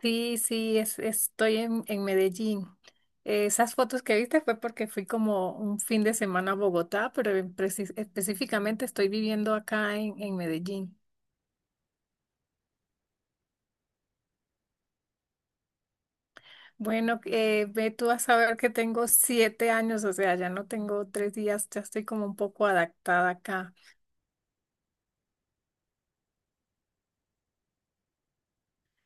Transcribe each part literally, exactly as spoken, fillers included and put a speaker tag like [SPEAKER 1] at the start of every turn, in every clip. [SPEAKER 1] Sí, sí, es, estoy en, en Medellín. Eh, Esas fotos que viste fue porque fui como un fin de semana a Bogotá, pero en preci- específicamente estoy viviendo acá en, en Medellín. Bueno, eh, ve tú a saber que tengo siete años, o sea, ya no tengo tres días, ya estoy como un poco adaptada acá.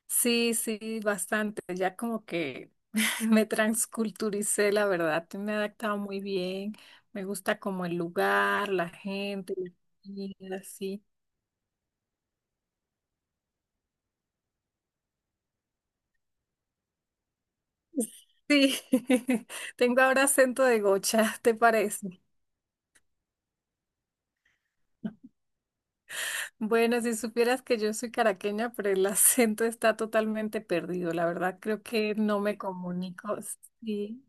[SPEAKER 1] Sí, sí, bastante, ya como que me transculturicé, la verdad, me he adaptado muy bien, me gusta como el lugar, la gente, la comida, sí. Sí, tengo ahora acento de gocha, ¿te parece? Bueno, si supieras que yo soy caraqueña, pero el acento está totalmente perdido. La verdad, creo que no me comunico. Sí.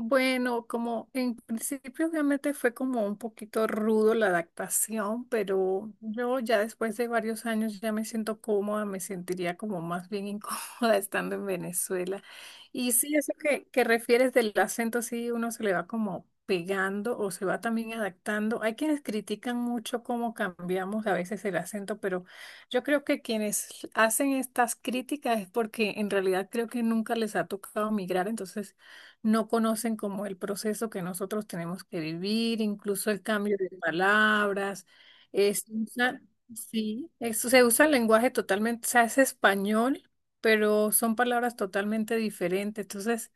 [SPEAKER 1] Bueno, como en principio obviamente fue como un poquito rudo la adaptación, pero yo ya después de varios años ya me siento cómoda, me sentiría como más bien incómoda estando en Venezuela. Y sí, eso que, que refieres del acento, sí, uno se le va como pegando o se va también adaptando. Hay quienes critican mucho cómo cambiamos a veces el acento, pero yo creo que quienes hacen estas críticas es porque en realidad creo que nunca les ha tocado migrar, entonces no conocen como el proceso que nosotros tenemos que vivir, incluso el cambio de palabras. Es, usa- sí, eso se usa el lenguaje totalmente, o sea, es español, pero son palabras totalmente diferentes. Entonces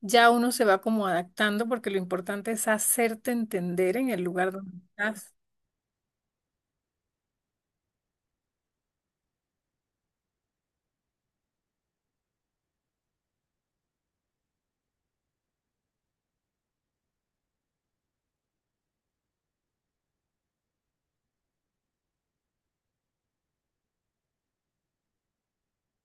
[SPEAKER 1] ya uno se va como adaptando porque lo importante es hacerte entender en el lugar donde estás.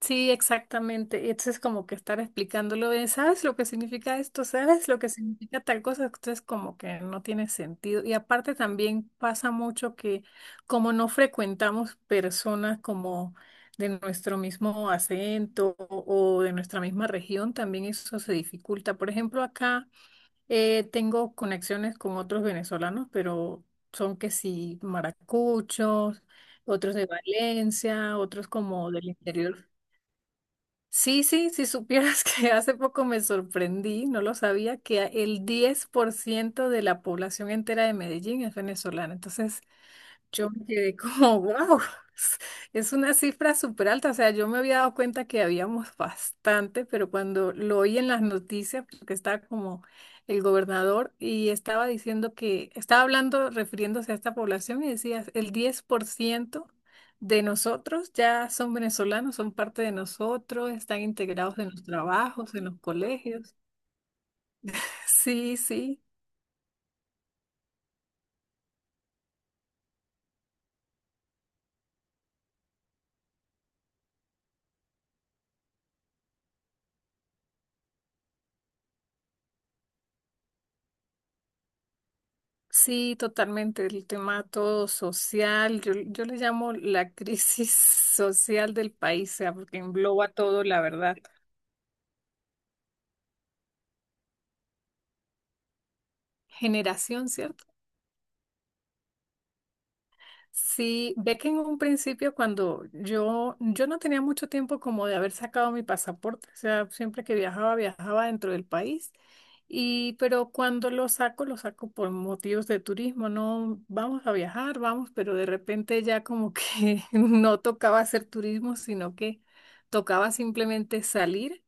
[SPEAKER 1] Sí, exactamente. Y entonces es como que estar explicándolo de, ¿sabes lo que significa esto? ¿Sabes lo que significa tal cosa? Entonces como que no tiene sentido. Y aparte también pasa mucho que como no frecuentamos personas como de nuestro mismo acento o o de nuestra misma región, también eso se dificulta. Por ejemplo, acá eh, tengo conexiones con otros venezolanos, pero son que sí maracuchos, otros de Valencia, otros como del interior. Sí, sí, si supieras que hace poco me sorprendí, no lo sabía, que el diez por ciento de la población entera de Medellín es venezolana. Entonces, yo me quedé como, wow, es una cifra súper alta. O sea, yo me había dado cuenta que habíamos bastante, pero cuando lo oí en las noticias, porque estaba como el gobernador y estaba diciendo que, estaba hablando, refiriéndose a esta población y decía, el diez por ciento de nosotros ya son venezolanos, son parte de nosotros, están integrados en los trabajos, en los colegios. Sí, sí. Sí, totalmente. El tema todo social, yo, yo le llamo la crisis social del país, o sea, porque engloba todo, la verdad. Generación, ¿cierto? Sí, ve que en un principio cuando yo, yo no tenía mucho tiempo como de haber sacado mi pasaporte, o sea, siempre que viajaba, viajaba dentro del país, y pero cuando lo saco, lo saco por motivos de turismo, no vamos a viajar, vamos, pero de repente ya como que no tocaba hacer turismo, sino que tocaba simplemente salir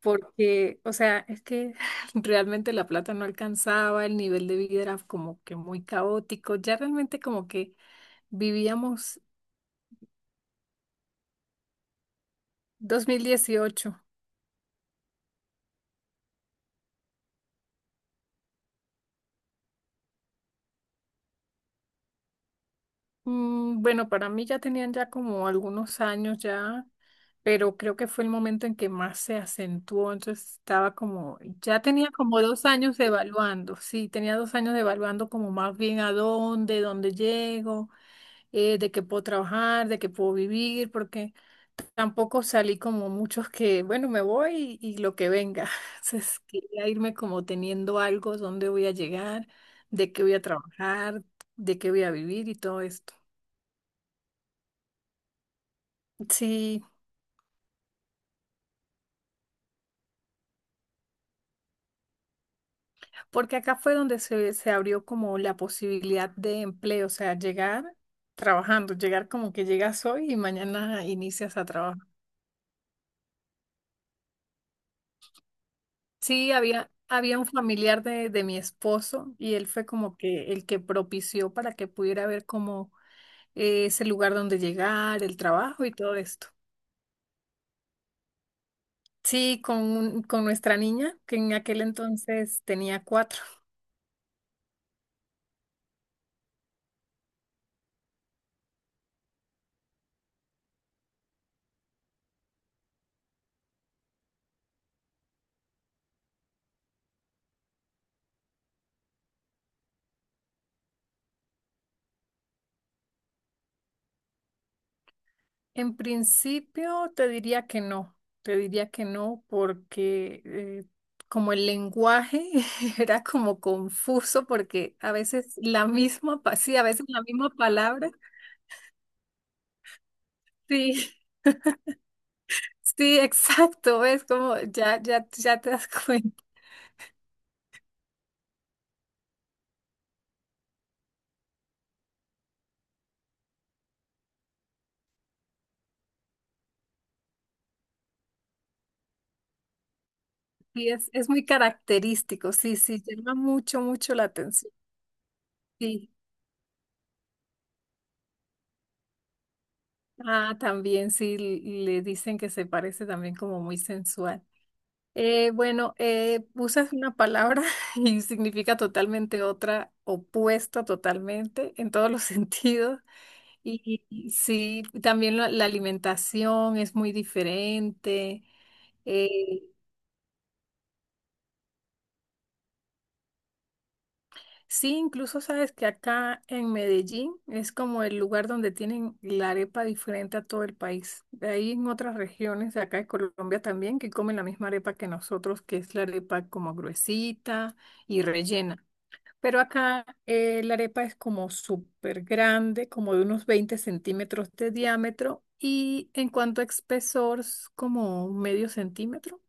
[SPEAKER 1] porque, o sea, es que realmente la plata no alcanzaba, el nivel de vida era como que muy caótico, ya realmente como que vivíamos dos mil dieciocho. Mm, bueno, para mí ya tenían ya como algunos años ya, pero creo que fue el momento en que más se acentuó, entonces estaba como, ya tenía como dos años evaluando, sí, tenía dos años evaluando como más bien a dónde, dónde llego, eh, de qué puedo trabajar, de qué puedo vivir, porque... Tampoco salí como muchos que, bueno, me voy y, y lo que venga. Entonces, quería irme como teniendo algo, dónde voy a llegar, de qué voy a trabajar, de qué voy a vivir y todo esto. Sí, porque acá fue donde se, se abrió como la posibilidad de empleo, o sea, llegar trabajando, llegar como que llegas hoy y mañana inicias a trabajar. Sí, había, había un familiar de, de mi esposo y él fue como que el que propició para que pudiera ver como eh, es el lugar donde llegar, el trabajo y todo esto. Sí, con, un- con nuestra niña, que en aquel entonces tenía cuatro. En principio te diría que no, te diría que no porque eh, como el lenguaje era como confuso porque a veces la misma, pa- sí, a veces la misma palabra. Sí, sí, exacto, es como ya, ya, ya te das cuenta. Sí, es, es muy característico, sí, sí, llama mucho, mucho la atención. Sí. Ah, también sí, l- le dicen que se parece también como muy sensual. Eh, bueno, eh, usas una palabra y significa totalmente otra, opuesta totalmente en todos los sentidos. Y, y y sí, también la, la alimentación es muy diferente. eh, Sí, incluso sabes que acá en Medellín es como el lugar donde tienen la arepa diferente a todo el país. De ahí en otras regiones de acá de Colombia también que comen la misma arepa que nosotros, que es la arepa como gruesita y rellena. Pero acá eh, la arepa es como súper grande, como de unos veinte centímetros de diámetro y en cuanto a espesor, es como medio centímetro.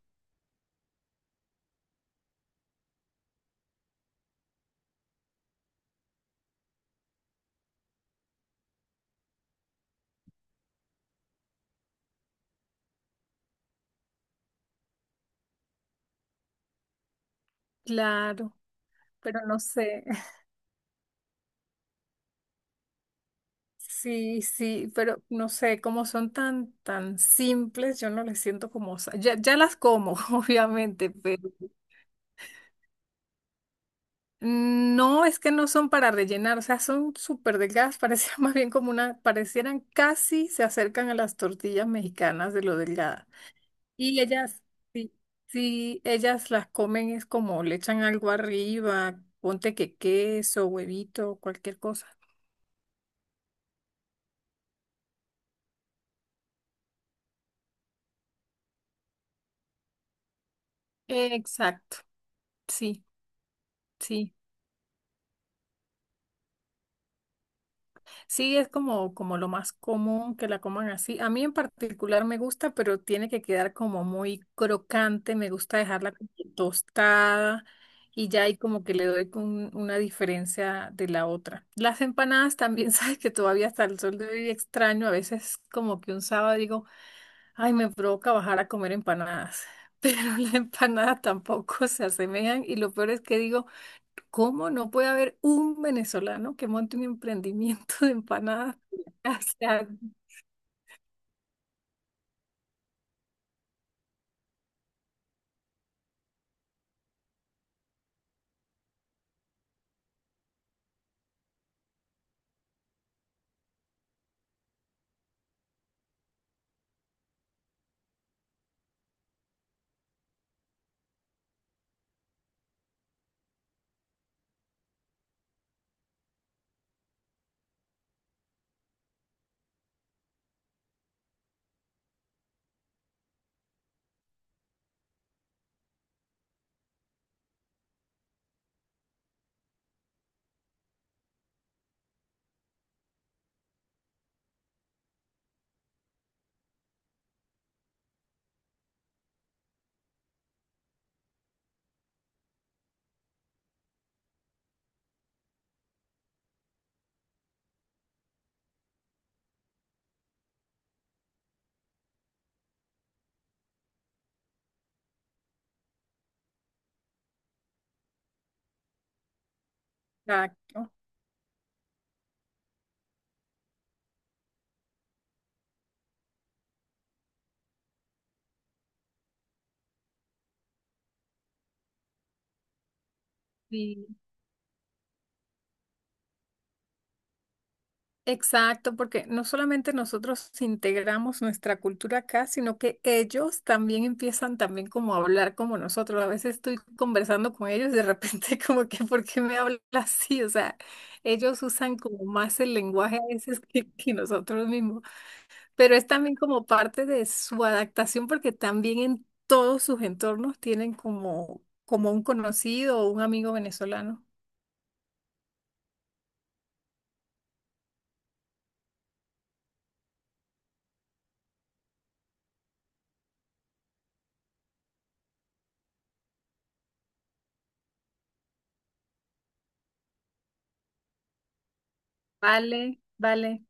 [SPEAKER 1] Claro, pero no sé. Sí, sí, pero no sé, como son tan, tan simples, yo no les siento como, sa- ya, ya las como, obviamente, pero no es que no son para rellenar, o sea, son súper delgadas, parecían más bien como una, parecieran casi se acercan a las tortillas mexicanas de lo delgada. Y ellas, sí, sí, ellas las comen es como le echan algo arriba, ponte que queso, huevito, cualquier cosa. Exacto, sí, sí. Sí, es como, como lo más común que la coman así. A mí en particular me gusta, pero tiene que quedar como muy crocante. Me gusta dejarla como tostada y ya ahí como que le doy con una diferencia de la otra. Las empanadas también, sabes que todavía hasta el sol de hoy extraño. A veces como que un sábado digo, ay, me provoca bajar a comer empanadas. Pero las empanadas tampoco se asemejan y lo peor es que digo, ¿cómo no puede haber un venezolano que monte un emprendimiento de empanadas? O sea, exacto. Sí. Exacto, porque no solamente nosotros integramos nuestra cultura acá, sino que ellos también empiezan también como a hablar como nosotros. A veces estoy conversando con ellos y de repente como que, ¿por qué me hablas así? O sea, ellos usan como más el lenguaje a veces que, que nosotros mismos. Pero es también como parte de su adaptación porque también en todos sus entornos tienen como, como un conocido o un amigo venezolano. Vale, vale.